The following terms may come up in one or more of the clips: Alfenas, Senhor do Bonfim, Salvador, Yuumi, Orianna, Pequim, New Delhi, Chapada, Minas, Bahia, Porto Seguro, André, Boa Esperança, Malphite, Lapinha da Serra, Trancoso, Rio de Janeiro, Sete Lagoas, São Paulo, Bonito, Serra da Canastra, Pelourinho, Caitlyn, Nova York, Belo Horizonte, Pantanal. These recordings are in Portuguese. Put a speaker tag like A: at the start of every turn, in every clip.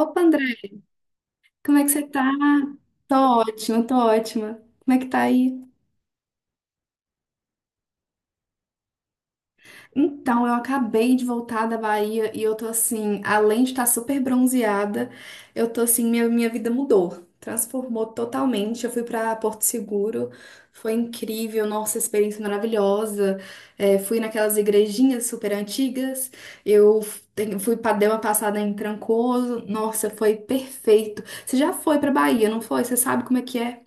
A: Opa, André, como é que você tá? Tô ótima, tô ótima. Como é que tá aí? Então, eu acabei de voltar da Bahia e eu tô assim, além de estar super bronzeada, eu tô assim, minha vida mudou, transformou totalmente. Eu fui pra Porto Seguro, foi incrível, nossa, experiência maravilhosa. Fui naquelas igrejinhas super antigas, eu te- fui pra, dei uma passada em Trancoso, nossa, foi perfeito. Você já foi pra Bahia, não foi? Você sabe como é que é?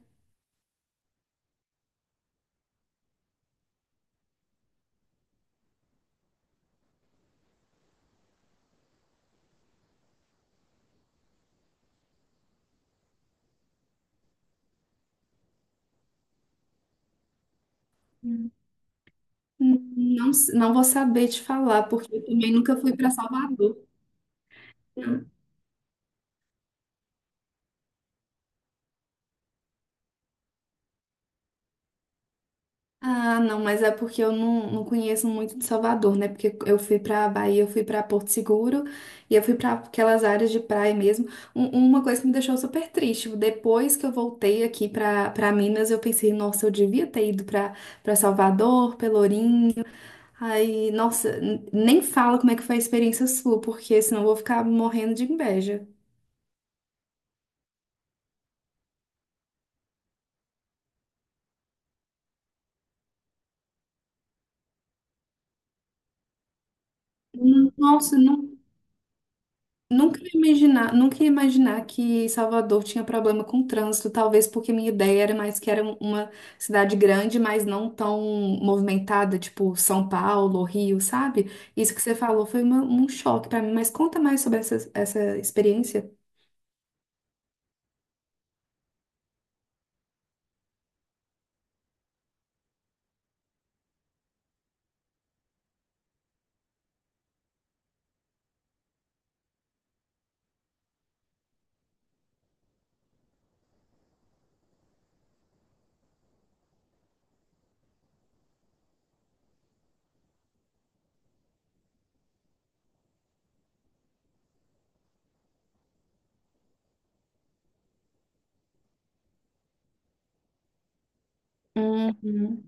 A: Não, não vou saber te falar, porque eu também nunca fui para Salvador. Ah, não, mas é porque eu não conheço muito de Salvador, né? Porque eu fui para Bahia, eu fui para Porto Seguro e eu fui para aquelas áreas de praia mesmo. Uma coisa que me deixou super triste, depois que eu voltei aqui para Minas, eu pensei, nossa, eu devia ter ido para Salvador, Pelourinho. Aí, nossa, nem fala como é que foi a experiência sua, porque senão eu vou ficar morrendo de inveja. Nossa, não. Nunca ia imaginar, nunca ia imaginar que Salvador tinha problema com trânsito, talvez porque minha ideia era mais que era uma cidade grande, mas não tão movimentada, tipo São Paulo, Rio, sabe? Isso que você falou foi uma- um choque pra mim, mas conta mais sobre essa experiência. Uhum.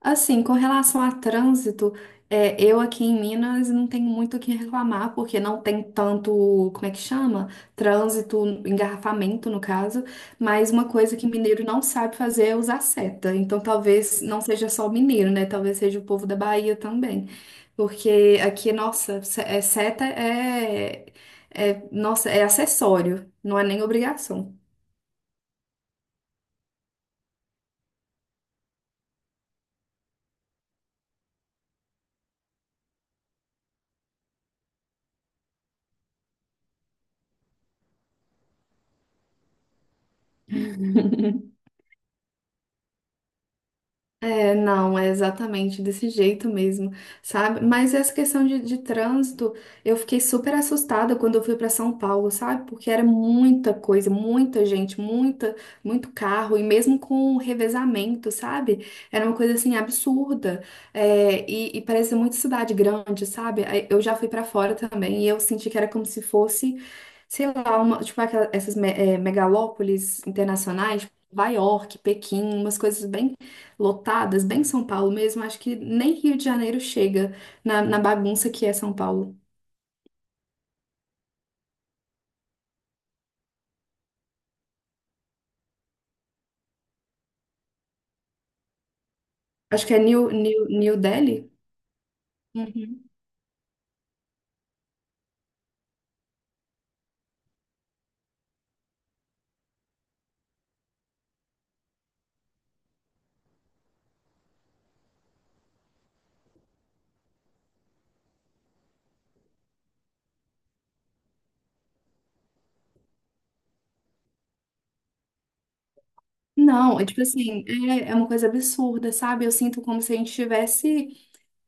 A: Assim, com relação a trânsito, eu aqui em Minas não tenho muito o que reclamar, porque não tem tanto, como é que chama? Trânsito, engarrafamento no caso, mas uma coisa que mineiro não sabe fazer é usar seta. Então talvez não seja só o mineiro, né? Talvez seja o povo da Bahia também. Porque aqui, nossa, é, seta é, nossa, é acessório, não é nem obrigação. É, não, é exatamente desse jeito mesmo, sabe? Mas essa questão de trânsito, eu fiquei super assustada quando eu fui para São Paulo, sabe? Porque era muita coisa, muita gente, muita, muito carro, e mesmo com o revezamento, sabe? Era uma coisa assim absurda. E parece muito cidade grande, sabe? Aí eu já fui para fora também e eu senti que era como se fosse, sei lá, uma, tipo aquela- essas megalópolis internacionais, tipo, Nova York, Pequim, umas coisas bem lotadas, bem São Paulo mesmo, acho que nem Rio de Janeiro chega na, na bagunça que é São Paulo. Acho que é New Delhi? Uhum. Não, é tipo assim, é, é uma coisa absurda, sabe? Eu sinto como se a gente tivesse.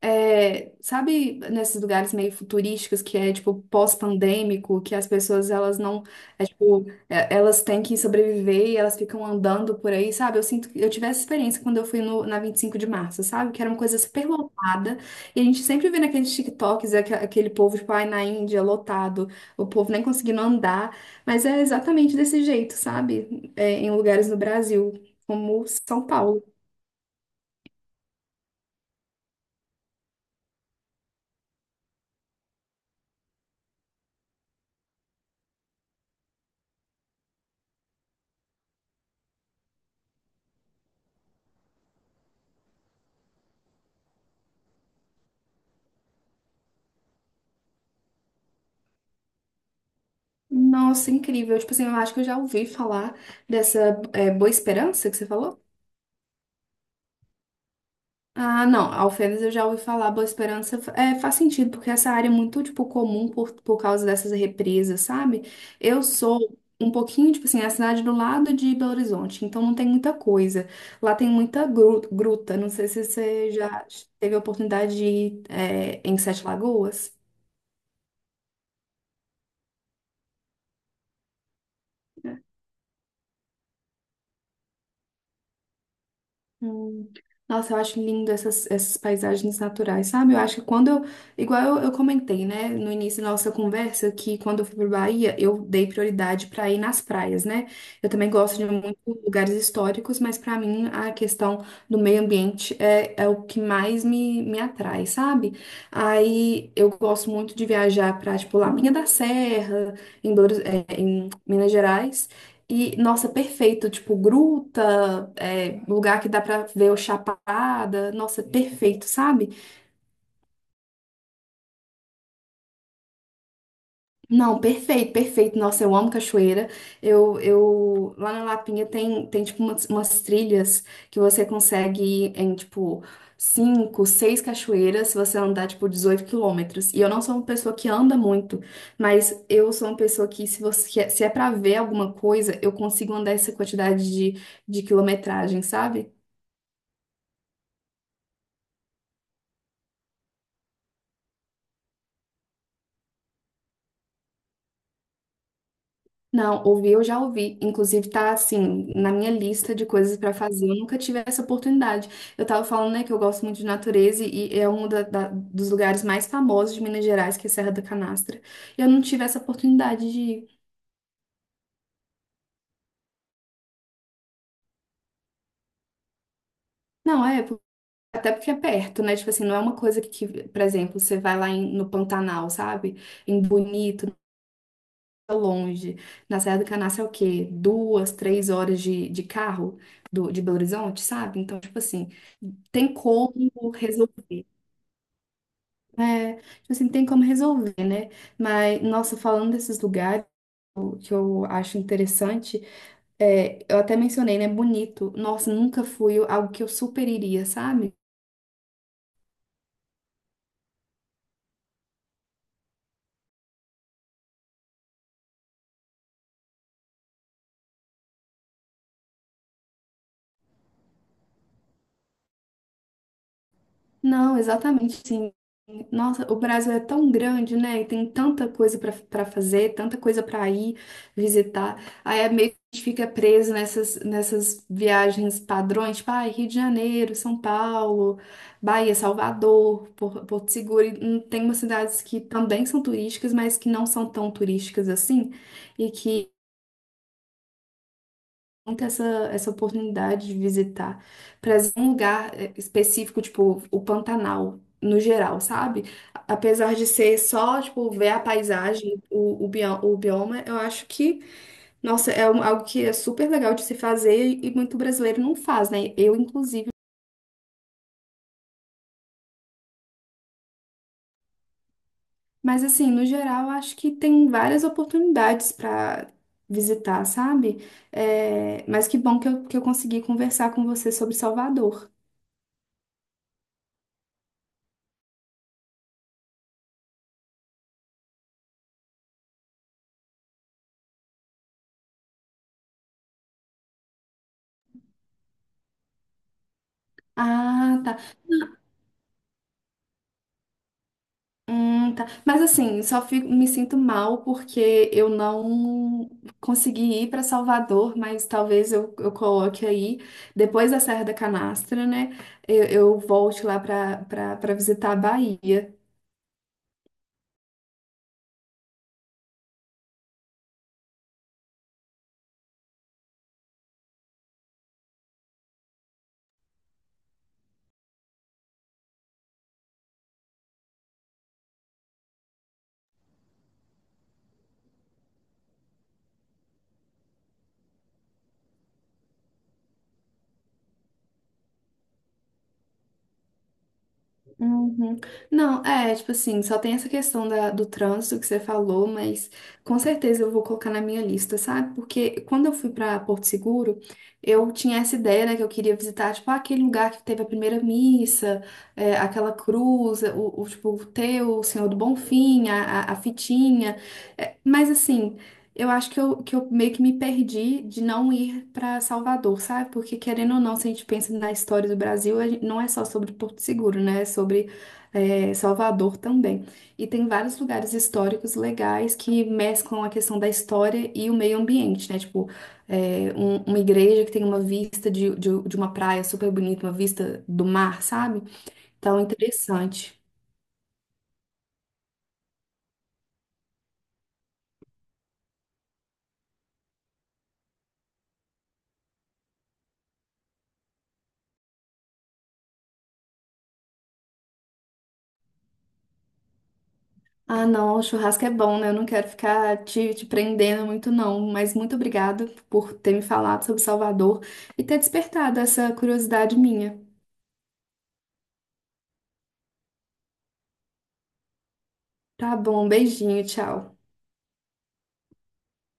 A: É, sabe nesses lugares meio futurísticos que é tipo pós-pandêmico, que as pessoas elas não, tipo, elas têm que sobreviver e elas ficam andando por aí, sabe? Eu sinto que eu tive essa experiência quando eu fui no, na 25 de março, sabe? Que era uma coisa super lotada e a gente sempre vê naqueles TikToks aquele povo, tipo, ai, na Índia, lotado, o povo nem conseguindo andar, mas é exatamente desse jeito, sabe? Em lugares no Brasil, como São Paulo. Nossa, incrível. Tipo assim, eu acho que eu já ouvi falar dessa, Boa Esperança que você falou. Ah, não, Alfenas eu já ouvi falar, Boa Esperança, faz sentido, porque essa área é muito, tipo, comum por causa dessas represas, sabe? Eu sou um pouquinho, tipo assim, é a cidade do lado de Belo Horizonte, então não tem muita coisa. Lá tem muita gruta, não sei se você já teve a oportunidade de ir, em Sete Lagoas. Hum. Nossa, eu acho lindo essas, essas paisagens naturais, sabe? Eu acho que quando eu. Igual eu comentei, né, no início da nossa conversa, que quando eu fui para Bahia, eu dei prioridade para ir nas praias, né? Eu também gosto de muitos lugares históricos, mas para mim a questão do meio ambiente é o que mais me atrai, sabe? Aí eu gosto muito de viajar para, tipo, Lapinha da Serra, em Minas Gerais. E, nossa, perfeito. Tipo, gruta, é, lugar que dá pra ver o Chapada. Nossa, perfeito, sabe? Não, perfeito, perfeito. Nossa, eu amo cachoeira. Eu, lá na Lapinha tem, tem tipo, umas trilhas que você consegue ir em, tipo, cinco, seis cachoeiras se você andar, tipo, 18 quilômetros. E eu não sou uma pessoa que anda muito, mas eu sou uma pessoa que, se você, se é pra ver alguma coisa, eu consigo andar essa quantidade de quilometragem, sabe? Não, ouvir eu já ouvi. Inclusive, tá assim, na minha lista de coisas pra fazer. Eu nunca tive essa oportunidade. Eu tava falando, né, que eu gosto muito de natureza e é um dos lugares mais famosos de Minas Gerais, que é a Serra da Canastra. E eu não tive essa oportunidade de ir. Não, é, até porque é perto, né? Tipo assim, não é uma coisa que, por exemplo, você vai lá em- no Pantanal, sabe? Em Bonito, longe. Na Serra do Canastra é o quê? 2, 3 horas de carro de Belo Horizonte, sabe? Então, tipo assim, tem como resolver. É, tipo assim, tem como resolver, né? Mas, nossa, falando desses lugares, o que eu acho interessante, é, eu até mencionei, né? Bonito. Nossa, nunca fui algo que eu super iria, sabe? Não, exatamente, sim. Nossa, o Brasil é tão grande, né? E tem tanta coisa para fazer, tanta coisa para ir visitar. Aí é meio que a gente fica preso nessas, viagens padrões, tipo, ah, Rio de Janeiro, São Paulo, Bahia, Salvador, Porto Seguro. E tem umas cidades que também são turísticas, mas que não são tão turísticas assim, e que ter essa, essa oportunidade de visitar para um lugar, específico, tipo o Pantanal, no geral, sabe? Apesar de ser só, tipo, ver a paisagem, o bioma, eu acho que, nossa, é algo que é super legal de se fazer e muito brasileiro não faz, né? Eu, inclusive. Mas, assim, no geral, eu acho que tem várias oportunidades para visitar, sabe? Mas que bom que eu consegui conversar com você sobre Salvador. Ah, tá. Tá. Mas assim, só fico, me sinto mal porque eu não consegui ir para Salvador, mas talvez eu coloque aí, depois da Serra da Canastra, né? Eu volte lá para visitar a Bahia. Uhum. Não, é, tipo assim, só tem essa questão do trânsito que você falou, mas com certeza eu vou colocar na minha lista, sabe? Porque quando eu fui pra Porto Seguro, eu tinha essa ideia, né, que eu queria visitar, tipo, aquele lugar que teve a primeira missa, é, aquela cruz, o, tipo, o Senhor do Bonfim, a fitinha. É, mas assim. Eu acho que eu meio que me perdi de não ir para Salvador, sabe? Porque querendo ou não, se a gente pensa na história do Brasil, não é só sobre Porto Seguro, né? É sobre, Salvador também. E tem vários lugares históricos legais que mesclam a questão da história e o meio ambiente, né? Tipo, é, uma igreja que tem uma vista de uma praia super bonita, uma vista do mar, sabe? Então, interessante. Ah, não, o churrasco é bom, né? Eu não quero ficar te, prendendo muito, não. Mas muito obrigada por ter me falado sobre Salvador e ter despertado essa curiosidade minha. Tá bom, beijinho, tchau.